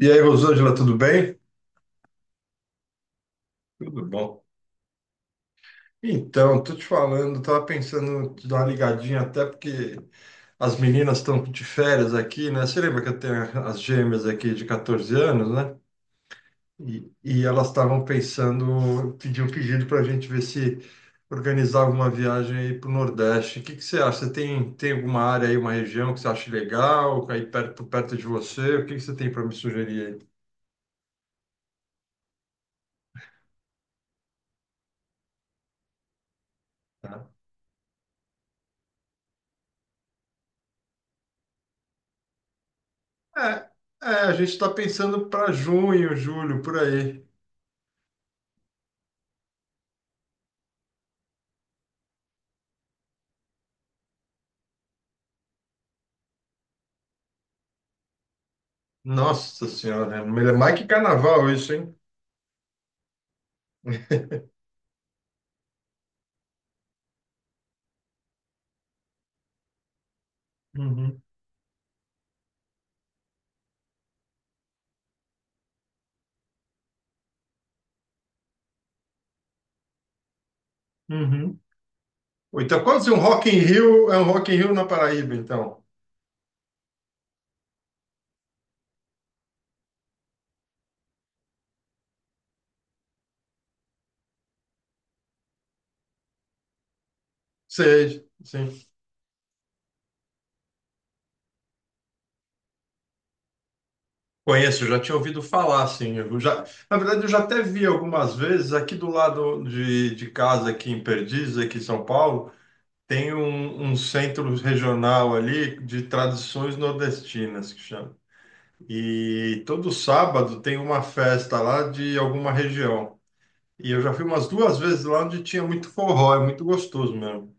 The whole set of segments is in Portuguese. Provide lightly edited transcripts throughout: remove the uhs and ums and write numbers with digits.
E aí, Rosângela, tudo bem? Tudo bom. Então, tô te falando, tava pensando em te dar uma ligadinha, até porque as meninas estão de férias aqui, né? Você lembra que eu tenho as gêmeas aqui de 14 anos, né? E elas estavam pensando, pediu um pedido para a gente ver se organizava uma viagem aí para o Nordeste. O que que você acha? Você tem alguma área aí, uma região que você acha legal, aí perto de você? O que que você tem para me sugerir aí? É, a gente está pensando para junho, julho, por aí. Nossa Senhora, é mais que carnaval isso, hein? Uhum, uhum. Ou então, quase um Rock in Rio, é um Rock in Rio na Paraíba, então. Sei, sim. Conheço, já tinha ouvido falar, sim. Na verdade, eu já até vi algumas vezes aqui do lado de casa, aqui em Perdiz, aqui em São Paulo, tem um centro regional ali de tradições nordestinas, que chama. E todo sábado tem uma festa lá de alguma região. E eu já fui umas duas vezes lá onde tinha muito forró, é muito gostoso mesmo.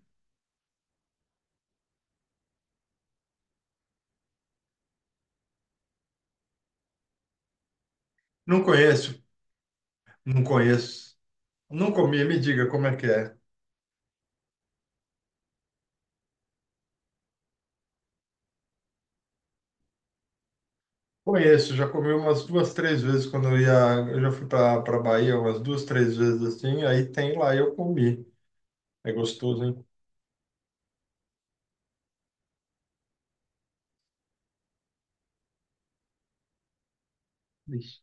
Não conheço, não conheço. Não comi, me diga como é que é. Conheço, já comi umas duas, três vezes quando eu ia. Eu já fui para Bahia umas duas, três vezes assim, aí tem lá e eu comi. É gostoso, hein? Ixi.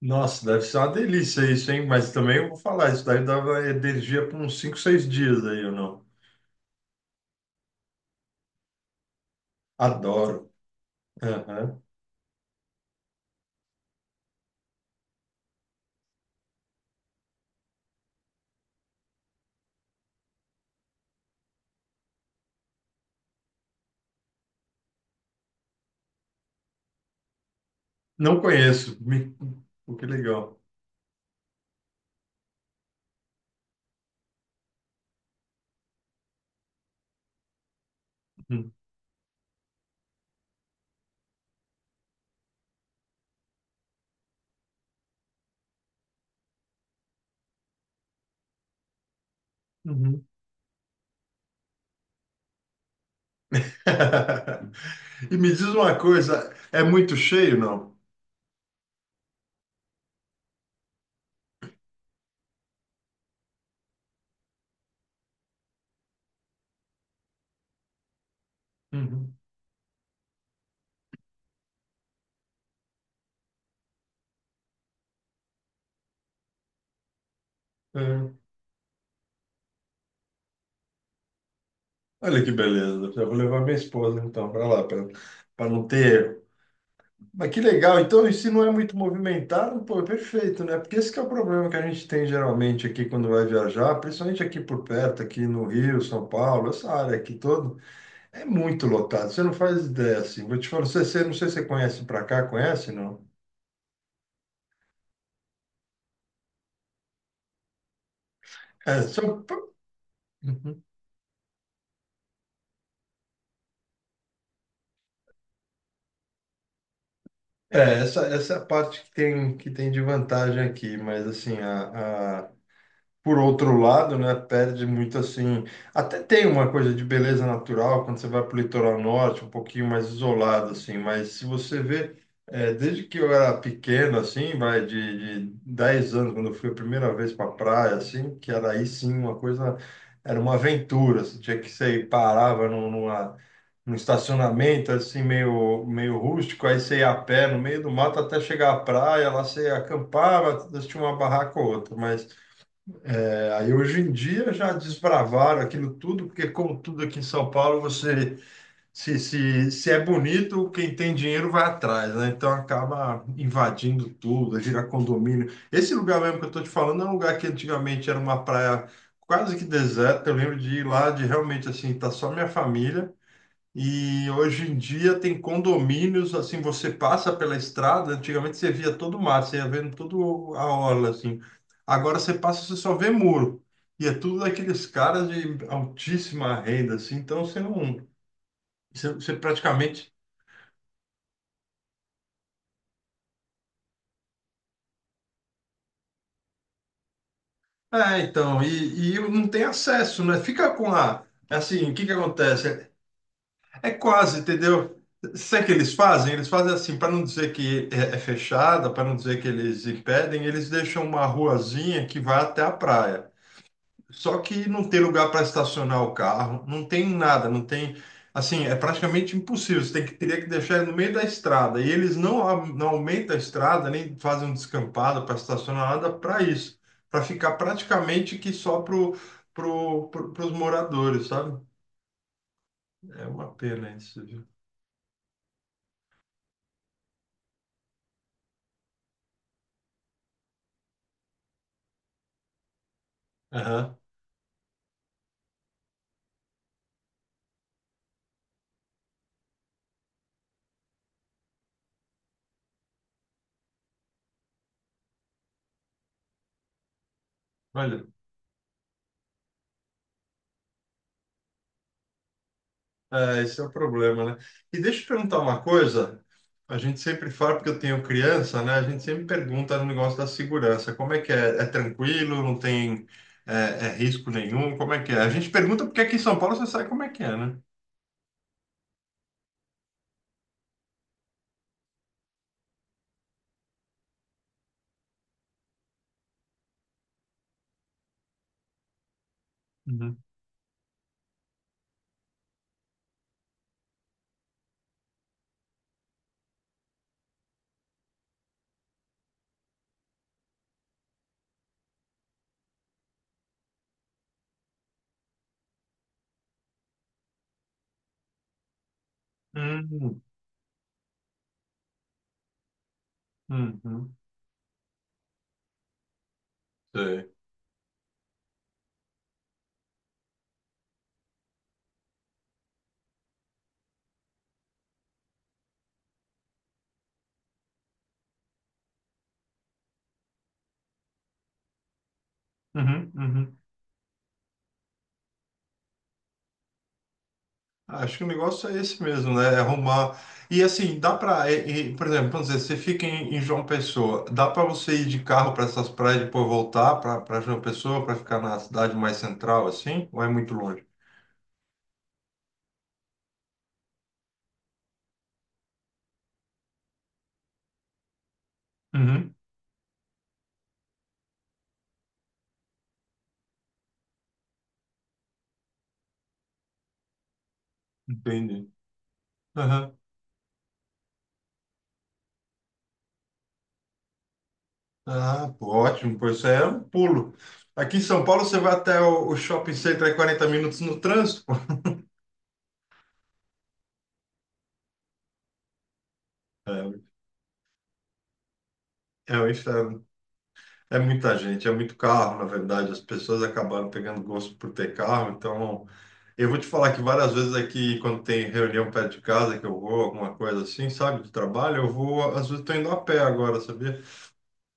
Nossa, deve ser uma delícia isso, hein? Mas também eu vou falar, isso daí dava energia por uns 5, 6 dias aí, ou não. Adoro. Aham. Não conheço. Pô, que legal. Uhum. Uhum. E me diz uma coisa, é muito cheio, não? Uhum. É. Olha que beleza. Já vou levar minha esposa então para lá, para não ter. Mas que legal. Então, e se não é muito movimentado, pô, é perfeito, né? Porque esse que é o problema que a gente tem geralmente aqui quando vai viajar, principalmente aqui por perto, aqui no Rio, São Paulo, essa área aqui toda, é muito lotado. Você não faz ideia assim. Vou te falar, não sei se você conhece para cá, conhece, não? É, só Uhum. É, essa é a parte que tem de vantagem aqui, mas assim, por outro lado, né, perde muito assim. Até tem uma coisa de beleza natural quando você vai para o litoral norte, um pouquinho mais isolado, assim, mas se você vê, desde que eu era pequeno, assim, vai de 10 anos, quando eu fui a primeira vez para a praia, assim, que era aí sim uma coisa, era uma aventura, você tinha que sair, parava num- numa um estacionamento assim meio rústico, aí você ia a pé no meio do mato até chegar à praia, lá você acampava, tinha uma barraca ou outra, mas aí hoje em dia já desbravaram aquilo tudo, porque como tudo aqui em São Paulo, você se é bonito, quem tem dinheiro vai atrás, né? Então acaba invadindo tudo, gira condomínio. Esse lugar mesmo que eu estou te falando é um lugar que antigamente era uma praia quase que deserta, eu lembro de ir lá, de realmente assim, tá só minha família, e hoje em dia tem condomínios, assim, você passa pela estrada, antigamente você via todo o mar, você ia vendo toda a orla, assim. Agora você passa, você só vê muro. E é tudo daqueles caras de altíssima renda, assim, então você não, você praticamente... É, então, e não tem acesso, né? Fica com a... Assim, o que que acontece? É quase, entendeu? Sabe o que eles fazem? Eles fazem assim, para não dizer que é fechada, para não dizer que eles impedem, eles deixam uma ruazinha que vai até a praia. Só que não tem lugar para estacionar o carro, não tem nada, não tem. Assim, é praticamente impossível. Você tem que, teria que deixar ele no meio da estrada. E eles não, não aumentam a estrada, nem fazem um descampado para estacionar nada para isso. Para ficar praticamente que só pro os moradores, sabe? É uma pena isso, viu? Aham. Olha. É, esse é o problema, né? E deixa eu te perguntar uma coisa. A gente sempre fala, porque eu tenho criança, né? A gente sempre pergunta no negócio da segurança. Como é que é? É tranquilo? Não tem é, risco nenhum? Como é que é? A gente pergunta porque aqui em São Paulo você sabe como é que é, né? Uhum. Uhum. Uhum. Sei. Uhum. Uhum. Acho que o negócio é esse mesmo, né? É arrumar. E assim, dá para, por exemplo, vamos dizer, você fica em, João Pessoa, dá para você ir de carro para essas praias e depois voltar para João Pessoa para ficar na cidade mais central, assim? Ou é muito longe? Uhum. Entendi. Aham. Ah, pô, ótimo, pois isso aí é um pulo. Aqui em São Paulo você vai até o shopping center em 40 minutos no trânsito. pô. É um inferno. É muita gente, é muito carro, na verdade. As pessoas acabaram pegando gosto por ter carro, então. Eu vou te falar que várias vezes aqui, quando tem reunião perto de casa, que eu vou, alguma coisa assim, sabe, do trabalho, eu vou, às vezes estou indo a pé agora, sabia?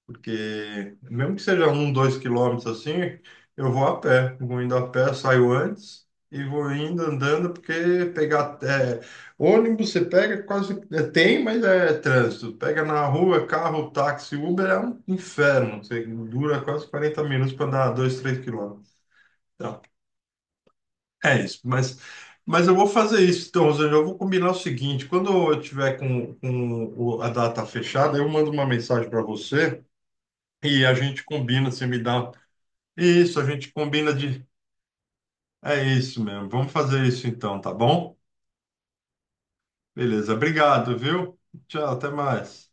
Porque, mesmo que seja 1, 2 quilômetros assim, eu vou a pé. Vou indo a pé, saio antes e vou indo andando, porque pegar é, ônibus você pega quase, tem, mas é trânsito. Pega na rua, carro, táxi, Uber é um inferno. Você dura quase 40 minutos para andar 2, 3 quilômetros. Então, é isso, mas eu vou fazer isso. Então, Rosane, eu vou combinar o seguinte: quando eu tiver com a data fechada, eu mando uma mensagem para você e a gente combina, você me dá. Isso, a gente combina de. É isso mesmo. Vamos fazer isso então, tá bom? Beleza, obrigado, viu? Tchau, até mais.